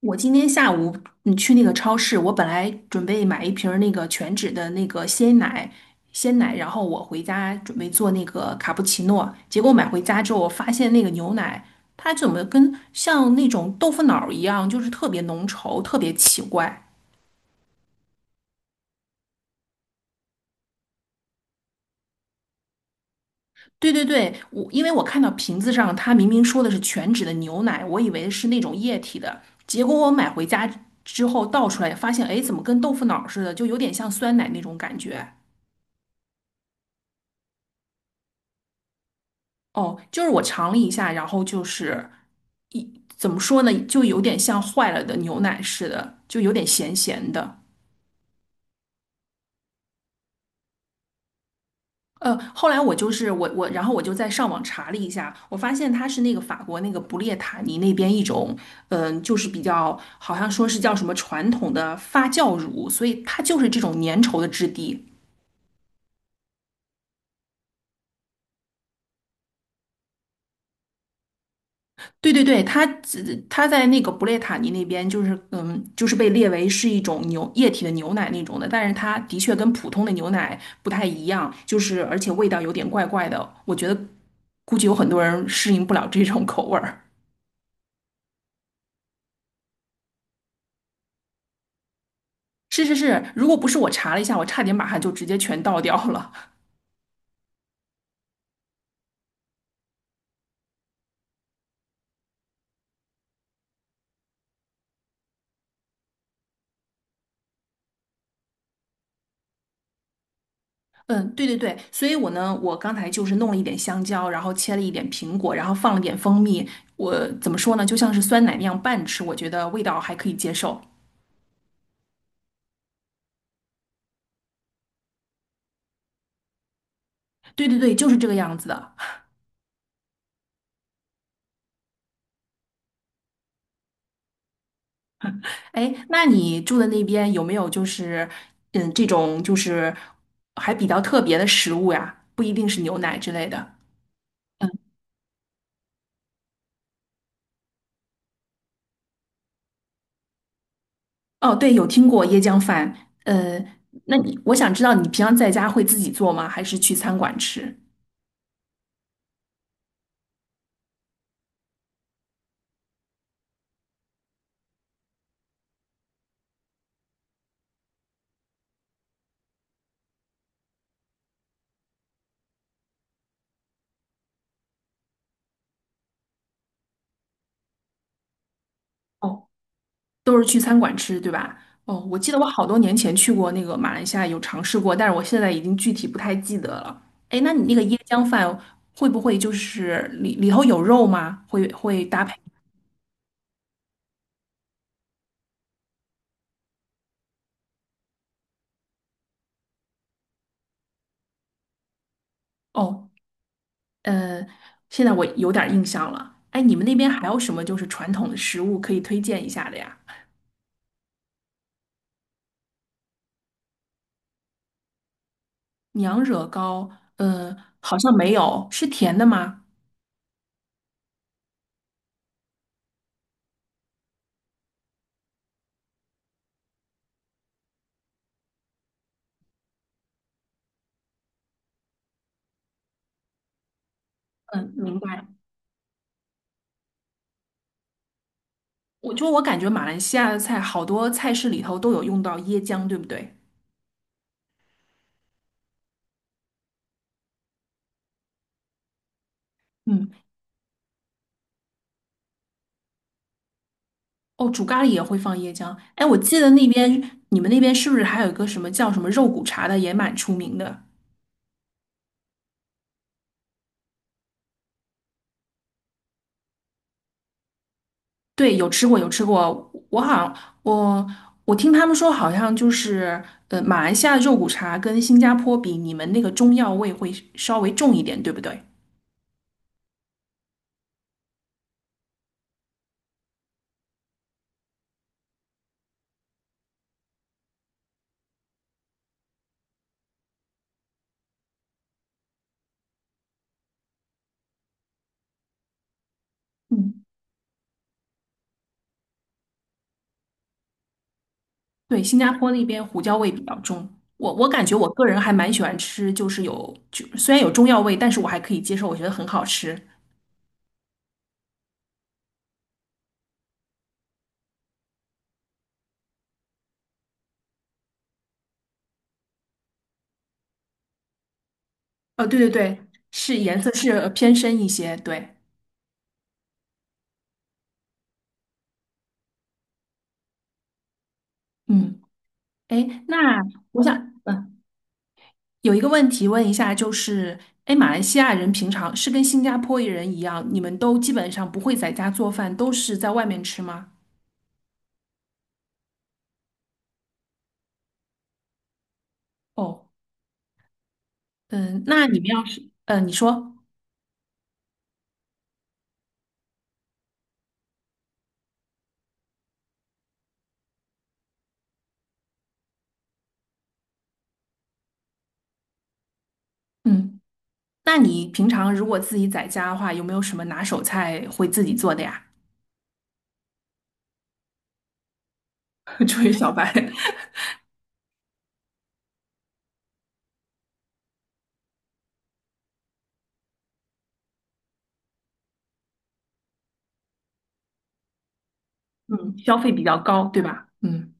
我今天下午去那个超市，我本来准备买一瓶儿那个全脂的那个鲜奶，然后我回家准备做那个卡布奇诺，结果买回家之后，我发现那个牛奶它怎么跟像那种豆腐脑儿一样，就是特别浓稠，特别奇怪。对对对，因为我看到瓶子上它明明说的是全脂的牛奶，我以为是那种液体的，结果我买回家之后倒出来，发现哎，诶怎么跟豆腐脑儿似的，就有点像酸奶那种感觉。哦，就是我尝了一下，然后就是怎么说呢，就有点像坏了的牛奶似的，就有点咸咸的。后来我然后我就在上网查了一下，我发现它是那个法国那个布列塔尼那边一种，就是比较好像说是叫什么传统的发酵乳，所以它就是这种粘稠的质地，对对对，它在那个布列塔尼那边，就是被列为是一种牛液体的牛奶那种的，但是它的确跟普通的牛奶不太一样，就是而且味道有点怪怪的，我觉得估计有很多人适应不了这种口味儿。是是是，如果不是我查了一下，我差点把它就直接全倒掉了。嗯，对对对，所以我呢，我刚才就是弄了一点香蕉，然后切了一点苹果，然后放了点蜂蜜，我怎么说呢，就像是酸奶那样拌吃，我觉得味道还可以接受。对对对，就是这个样子的。哎，那你住的那边有没有就是，嗯，这种就是还比较特别的食物呀？不一定是牛奶之类的。嗯，哦，对，有听过椰浆饭。呃，那你我想知道你平常在家会自己做吗？还是去餐馆吃？哦，都是去餐馆吃，对吧？哦，我记得我好多年前去过那个马来西亚，有尝试过，但是我现在已经具体不太记得了。哎，那你那个椰浆饭会不会就是里里头有肉吗？会会搭配？哦，呃，现在我有点儿印象了。哎，你们那边还有什么就是传统的食物可以推荐一下的呀？娘惹糕，好像没有，是甜的吗？嗯，明白。我感觉马来西亚的菜，好多菜式里头都有用到椰浆，对不对？嗯，哦，煮咖喱也会放椰浆。哎，我记得那边你们那边是不是还有一个什么叫什么肉骨茶的，也蛮出名的？对，有吃过，有吃过。我好像我我听他们说，好像就是马来西亚肉骨茶跟新加坡比，你们那个中药味会稍微重一点，对不对？嗯，对，新加坡那边胡椒味比较重。我感觉我个人还蛮喜欢吃，就是虽然有中药味，但是我还可以接受，我觉得很好吃。对对对，是颜色是偏深一些。对，嗯，哎，那我想，嗯、有一个问题问一下，就是，哎，马来西亚人平常是跟新加坡人一样，你们都基本上不会在家做饭，都是在外面吃吗？哦，嗯，那你们要是，你说，嗯，那你平常如果自己在家的话，有没有什么拿手菜会自己做的呀？作为小白，嗯，消费比较高，对吧？嗯，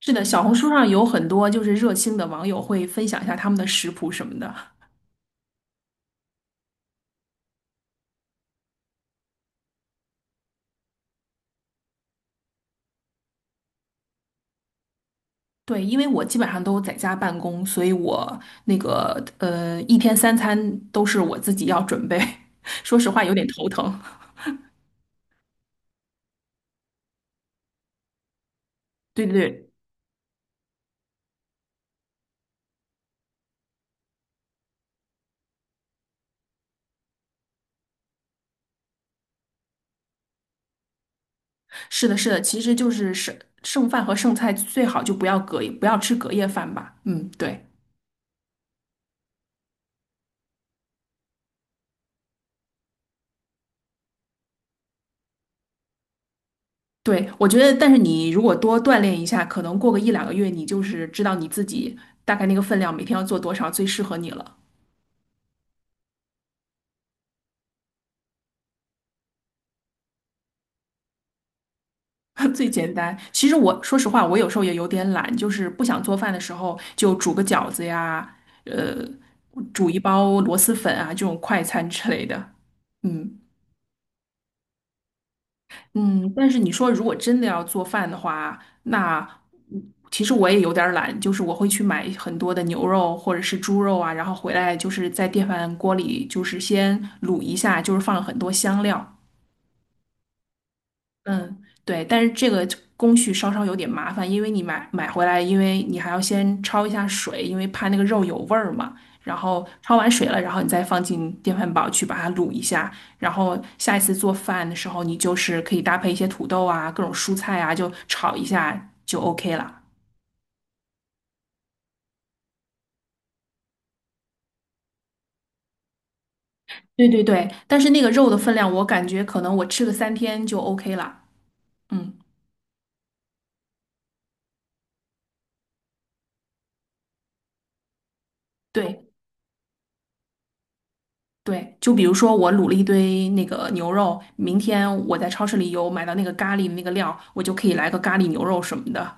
是的，小红书上有很多就是热心的网友会分享一下他们的食谱什么的。对，因为我基本上都在家办公，所以我那个一天三餐都是我自己要准备。说实话，有点头疼。对对对，是的，是的，其实剩饭和剩菜最好就不要隔夜，不要吃隔夜饭吧。嗯，对对，我觉得，但是你如果多锻炼一下，可能过个一两个月，你就是知道你自己大概那个分量每天要做多少，最适合你了。最简单。其实我说实话，我有时候也有点懒，就是不想做饭的时候，就煮个饺子呀，呃，煮一包螺蛳粉啊，这种快餐之类的。嗯嗯，但是你说如果真的要做饭的话，那嗯其实我也有点儿懒，就是我会去买很多的牛肉或者是猪肉啊，然后回来就是在电饭锅里就是先卤一下，就是放很多香料，嗯，对，但是这个工序稍稍有点麻烦，因为你买回来，因为你还要先焯一下水，因为怕那个肉有味儿嘛。然后焯完水了，然后你再放进电饭煲去把它卤一下。然后下一次做饭的时候，你就是可以搭配一些土豆啊、各种蔬菜啊，就炒一下就 OK 了。对对对，但是那个肉的分量，我感觉可能我吃个三天就 OK 了。嗯，对。对，就比如说我卤了一堆那个牛肉，明天我在超市里有买到那个咖喱的那个料，我就可以来个咖喱牛肉什么的。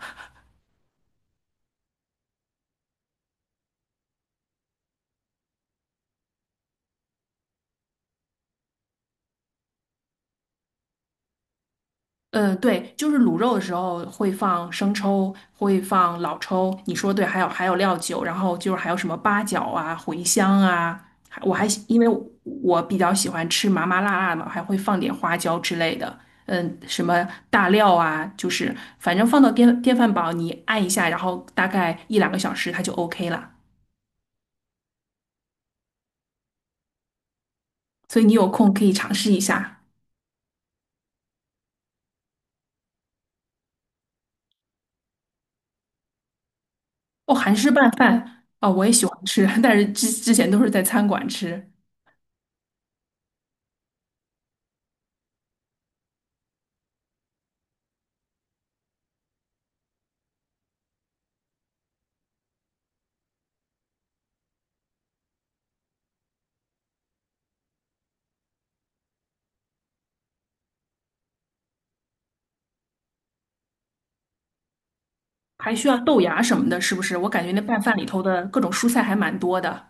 嗯，对，就是卤肉的时候会放生抽，会放老抽，你说对，还有料酒，然后就是还有什么八角啊、茴香啊，还我还喜因为我比较喜欢吃麻麻辣辣的，还会放点花椒之类的。嗯，什么大料啊，就是反正放到电饭煲，你按一下，然后大概一两个小时它就 OK 了。所以你有空可以尝试一下。哦，韩式拌饭啊，我也喜欢吃，但是之前都是在餐馆吃，还需要豆芽什么的，是不是？我感觉那拌饭里头的各种蔬菜还蛮多的。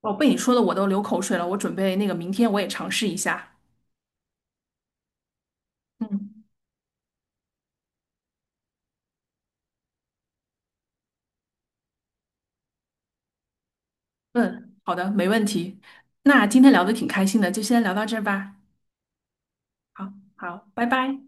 哦，被你说的我都流口水了，我准备那个明天我也尝试一下。嗯嗯，好的，没问题。那今天聊的挺开心的，就先聊到这儿吧。好，好，拜拜。